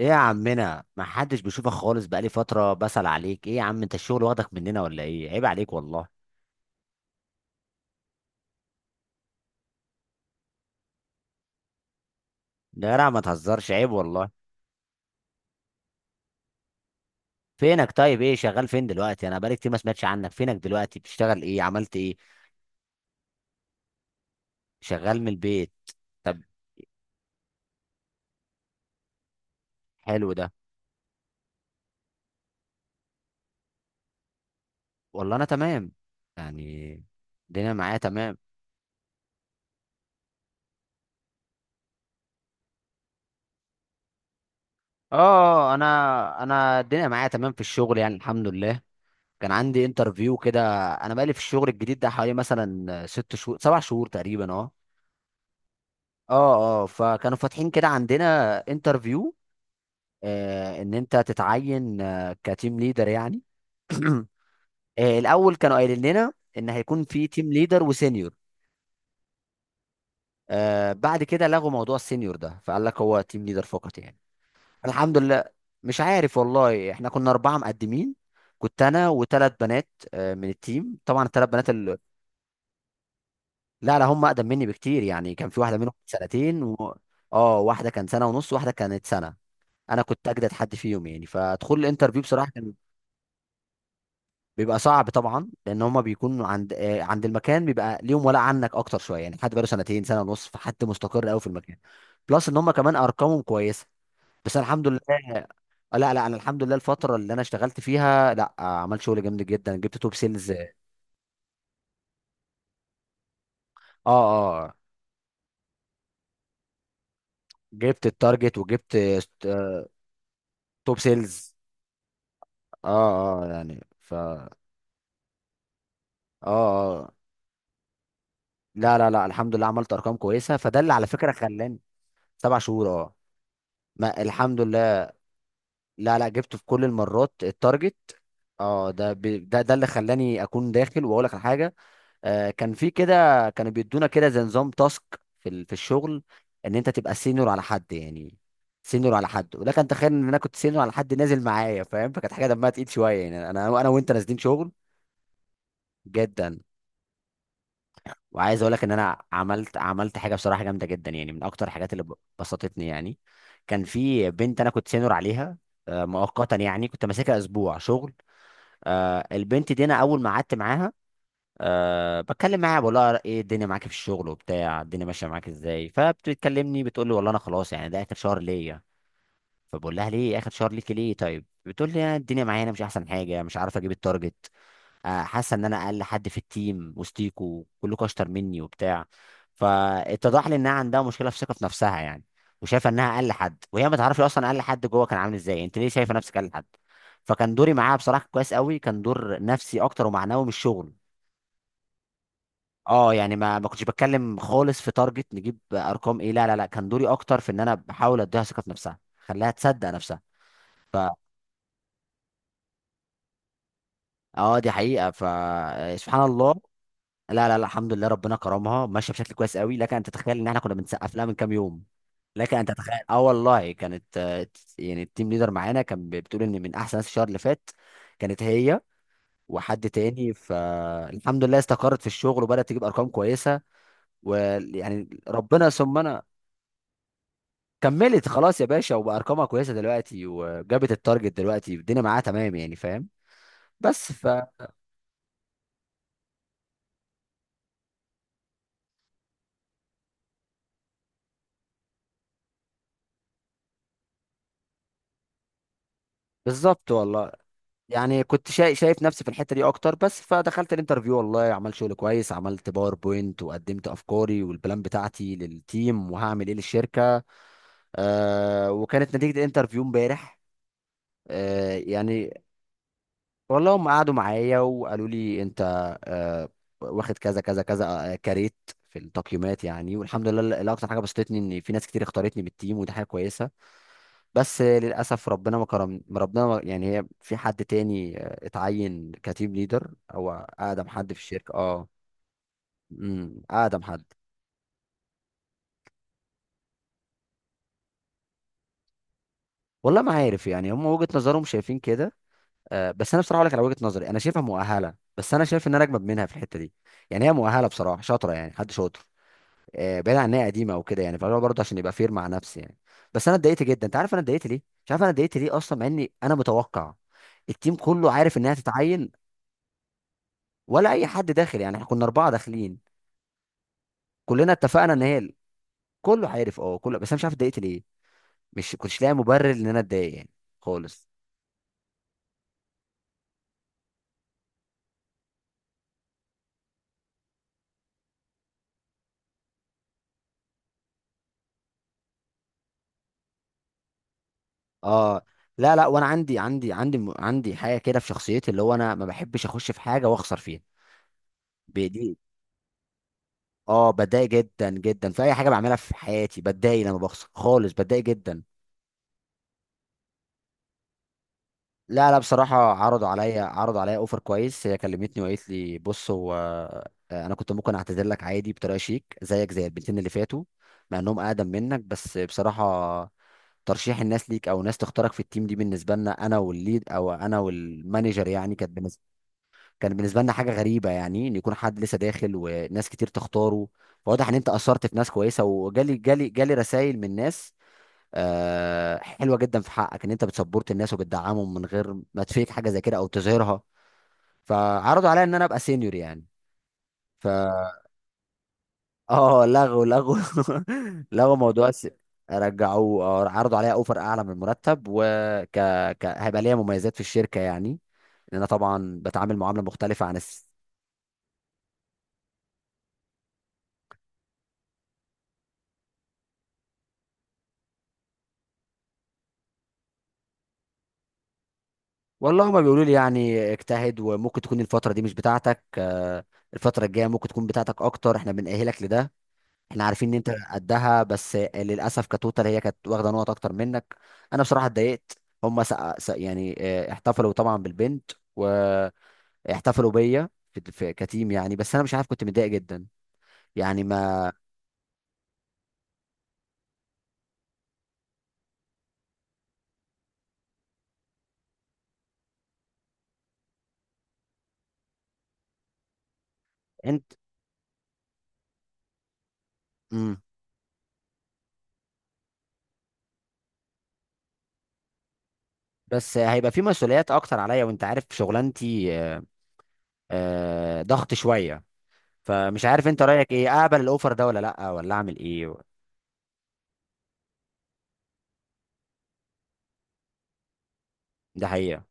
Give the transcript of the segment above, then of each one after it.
ايه يا عمنا، ما حدش بيشوفك خالص، بقالي فترة بسأل عليك. ايه يا عم، انت الشغل واخدك مننا ولا ايه؟ عيب عليك والله. ده يا ما تهزرش، عيب والله. فينك طيب؟ ايه شغال فين دلوقتي؟ انا بقالي كتير ما سمعتش عنك. فينك دلوقتي بتشتغل ايه؟ عملت ايه؟ شغال من البيت؟ طب. حلو ده. والله انا تمام يعني، الدنيا معايا تمام. انا الدنيا معايا تمام في الشغل يعني، الحمد لله. كان عندي انترفيو كده. انا بقالي في الشغل الجديد ده حوالي مثلا ست شهور سبع شهور تقريبا. اه اه اه فكانوا فاتحين كده عندنا انترفيو. ان انت تتعين كتيم ليدر يعني. الاول كانوا قايلين لنا ان هيكون في تيم ليدر وسينيور. بعد كده لغوا موضوع السينيور ده، فقال لك هو تيم ليدر فقط يعني. الحمد لله. مش عارف والله. احنا كنا اربعه مقدمين، كنت انا وثلاث بنات من التيم. طبعا الثلاث بنات ال... لا لا، هم اقدم مني بكتير يعني. كان في واحده منهم سنتين و... اه واحده كان سنه ونص، واحده كانت سنه. انا كنت اجدد حد فيهم يعني. فدخول الانترفيو بصراحه كان بيبقى صعب طبعا، لان هما بيكونوا عند عند المكان، بيبقى ليهم ولا عنك اكتر شويه يعني. حد بقاله سنتين سنه ونص، فحد مستقر قوي في المكان. بلس ان هما كمان ارقامهم كويسه. بس أنا الحمد لله. لا لا، انا الحمد لله الفتره اللي انا اشتغلت فيها لا، عملت شغل جامد جدا، جبت توب سيلز. اه اه آه، جبت التارجت وجبت آه، توب سيلز. اه اه يعني ف اه اه لا لا لا، الحمد لله عملت ارقام كويسه، فده اللي على فكره خلاني. سبع شهور، اه. ما الحمد لله، لا لا، جبته في كل المرات التارجت. ده اللي خلاني اكون داخل واقول لك على حاجه. كان في كده، كانوا بيدونا كده زي نظام تاسك في الشغل، ان انت تبقى سينيور على حد يعني. سينيور على حد، ولكن تخيل ان انا كنت سينيور على حد نازل معايا، فاهم؟ فكانت حاجه دمها تقيل شويه يعني، انا انا وانت نازلين شغل. جدا. وعايز اقول لك ان انا عملت حاجه بصراحه جامده جدا يعني، من اكتر الحاجات اللي بسطتني يعني. كان في بنت انا كنت سينور عليها مؤقتا يعني، كنت ماسكها اسبوع شغل. البنت دي انا اول ما قعدت معاها بتكلم معاها، بقول لها ايه الدنيا معاك في الشغل وبتاع، الدنيا ماشيه معاك ازاي؟ فبتكلمني بتقول لي والله انا خلاص يعني، ده اخر شهر ليا. فبقول لها ليه اخر شهر ليكي ليه؟ طيب. بتقول لي يعني الدنيا معايا أنا مش احسن حاجه، مش عارف اجيب التارجت. حاسه ان انا اقل حد في التيم، وسطيكوا كلكوا اشطر مني وبتاع. فاتضح لي انها عندها مشكله في ثقه في نفسها يعني، وشايفه انها اقل حد، وهي ما تعرفش اصلا اقل حد جوه كان عامل ازاي. انت ليه شايفه نفسك اقل حد؟ فكان دوري معاها بصراحه كويس قوي، كان دور نفسي اكتر ومعنوي من الشغل. اه يعني، ما كنتش بتكلم خالص في تارجت نجيب ارقام ايه، لا لا لا، كان دوري اكتر في ان انا بحاول اديها ثقه في نفسها، خليها تصدق نفسها. ف اه دي حقيقه، فسبحان الله. لا لا لا، الحمد لله ربنا كرمها، ماشيه بشكل كويس قوي. لكن انت تتخيل ان احنا كنا بنسقف لها من كام يوم. لكن انت تتخيل، اه والله كانت يعني التيم ليدر معانا كان بتقول ان من احسن ناس الشهر اللي فات كانت هي وحد تاني. فالحمد لله استقرت في الشغل، وبدات تجيب ارقام كويسه. ويعني ربنا ثم انا كملت خلاص يا باشا، وبارقامها كويسه دلوقتي، وجابت التارجت دلوقتي، الدنيا معاها تمام يعني، فاهم؟ بس. فبالظبط والله. يعني كنت شايف نفسي في الحته دي اكتر بس، فدخلت الانترفيو والله عملت شغل كويس، عملت باوربوينت وقدمت افكاري والبلان بتاعتي للتيم وهعمل ايه للشركه. وكانت نتيجه الانترفيو امبارح. آه يعني والله هم قعدوا معايا وقالوا لي انت آه، واخد كذا كذا كذا كاريت في التقييمات يعني، والحمد لله الاكتر حاجه بسطتني ان في ناس كتير اختارتني بالتيم، ودي حاجه كويسه. بس للاسف ربنا ما كرم، ربنا ما يعني، هي في حد تاني اتعين كتيم ليدر، او اقدم حد في الشركه اه. امم. اقدم حد. والله ما عارف يعني، هم وجهه نظرهم شايفين كده. بس انا بصراحه اقول لك على وجهه نظري، انا شايفها مؤهله، بس انا شايف ان انا اجمد منها في الحته دي. يعني هي مؤهله بصراحه، شاطره يعني، حد شاطر بعيد عن ان هي قديمه او كده يعني. فاللي هو برضه عشان يبقى فير مع نفسي يعني. بس انا اتضايقت جدا. انت عارف انا اتضايقت ليه؟ مش عارف انا اتضايقت ليه اصلا، مع اني انا متوقع التيم كله عارف انها تتعين، ولا اي حد داخل يعني. احنا كنا اربعه داخلين، كلنا اتفقنا ان هي كله عارف اه كله. بس انا مش عارف اتضايقت ليه، مش كنتش لاقي مبرر ان انا اتضايق يعني خالص. اه لا لا، وانا عندي حاجه كده في شخصيتي، اللي هو انا ما بحبش اخش في حاجه واخسر فيها. بدي. اه بتضايق جدا جدا في اي حاجه بعملها في حياتي، بتضايق لما بخسر خالص، بتضايق جدا. لا لا، بصراحة عرضوا عليا اوفر كويس. هي كلمتني وقالت لي بص، هو انا كنت ممكن اعتذر لك عادي بطريقة شيك زيك، زي البنتين اللي فاتوا، مع انهم اقدم منك. بس بصراحة ترشيح الناس ليك، او ناس تختارك في التيم دي، بالنسبة لنا انا والليد، او انا والمانجر يعني، كانت بالنسبة، كان بالنسبة لنا حاجة غريبة يعني، ان يكون حد لسه داخل وناس كتير تختاره. فواضح ان انت اثرت في ناس كويسة، وجالي جالي جالي رسائل من ناس حلوه جدا في حقك، ان انت بتسبورت الناس وبتدعمهم من غير ما تفيك حاجه زي كده او تظهرها. فعرضوا عليا ان انا ابقى سينيور يعني. ف اه، لغوا لغوا موضوع الس... رجعوه عرضوا عليا اوفر اعلى من المرتب هيبقى ليا مميزات في الشركه يعني، لان انا طبعا بتعامل معامله مختلفه عن الس... والله هما بيقولوا لي يعني اجتهد، وممكن تكون الفتره دي مش بتاعتك الفتره الجايه ممكن تكون بتاعتك اكتر، احنا بنأهلك لده، احنا عارفين ان انت قدها، بس للاسف كتوتال هي كانت واخده نقط اكتر منك. انا بصراحه اتضايقت. يعني احتفلوا طبعا بالبنت، واحتفلوا بيا كتيم يعني. بس انا مش عارف، كنت متضايق جدا يعني. ما انت. مم. بس هيبقى في مسؤوليات اكتر عليا، وانت عارف شغلانتي ضغط شويه. فمش عارف انت رايك ايه، اقبل الاوفر ده ولا لا، ولا اعمل ايه؟ ده حقيقه.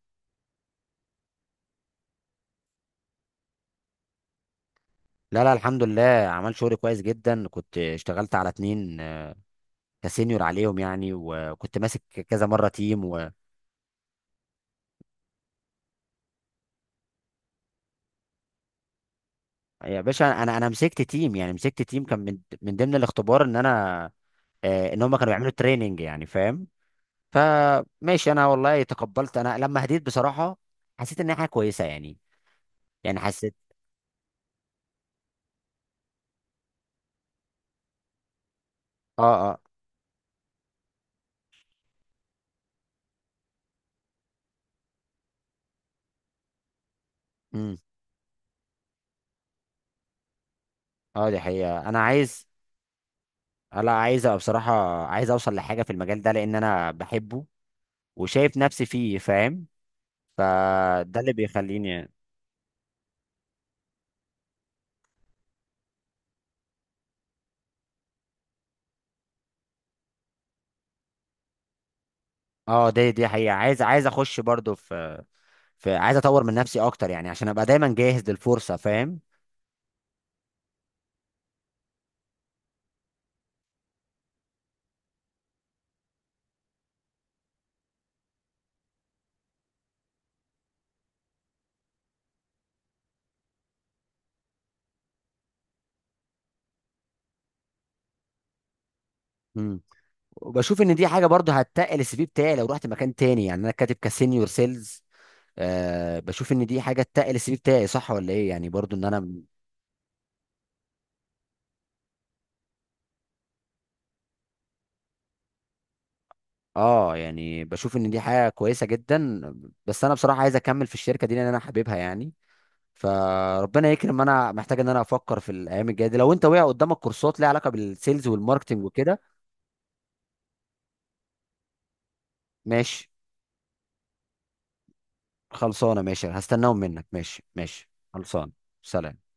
لا لا الحمد لله، عمل شغل كويس جدا، كنت اشتغلت على اتنين كسينيور عليهم يعني، وكنت ماسك كذا مره تيم و... يا باشا، انا مسكت تيم يعني، مسكت تيم، كان من ضمن الاختبار ان انا ان هم كانوا بيعملوا تريننج يعني، فاهم؟ فماشي انا والله تقبلت، انا لما هديت بصراحه حسيت ان هي حاجه كويسه يعني. يعني حسيت اه اه امم. اه دي حقيقه انا عايز، لا عايز أبقى بصراحه، عايز اوصل لحاجه في المجال ده لان انا بحبه، وشايف نفسي فيه، فاهم؟ فده اللي بيخليني. اه دي حقيقه، عايز اخش برضو في، فعايز اطور من نفسي اكتر يعني، عشان ابقى دايما جاهز للفرصه، فاهم؟ امم. وبشوف ان دي حاجه برضو هتتقل السي في بتاعي لو رحت مكان تاني يعني، انا كاتب كسينيور سيلز. بشوف ان دي حاجه تتقل السي في بتاعي، صح ولا ايه؟ يعني برضو ان انا، اه يعني، بشوف ان دي حاجه كويسه جدا. بس انا بصراحه عايز اكمل في الشركه دي لان انا حاببها يعني. فربنا يكرم، انا محتاج ان انا افكر في الايام الجايه دي. لو انت وقع قدامك كورسات ليها علاقه بالسيلز والماركتنج وكده. ماشي خلصانه، ماشي، هستناهم منك، ماشي ماشي خلصانه. سلام.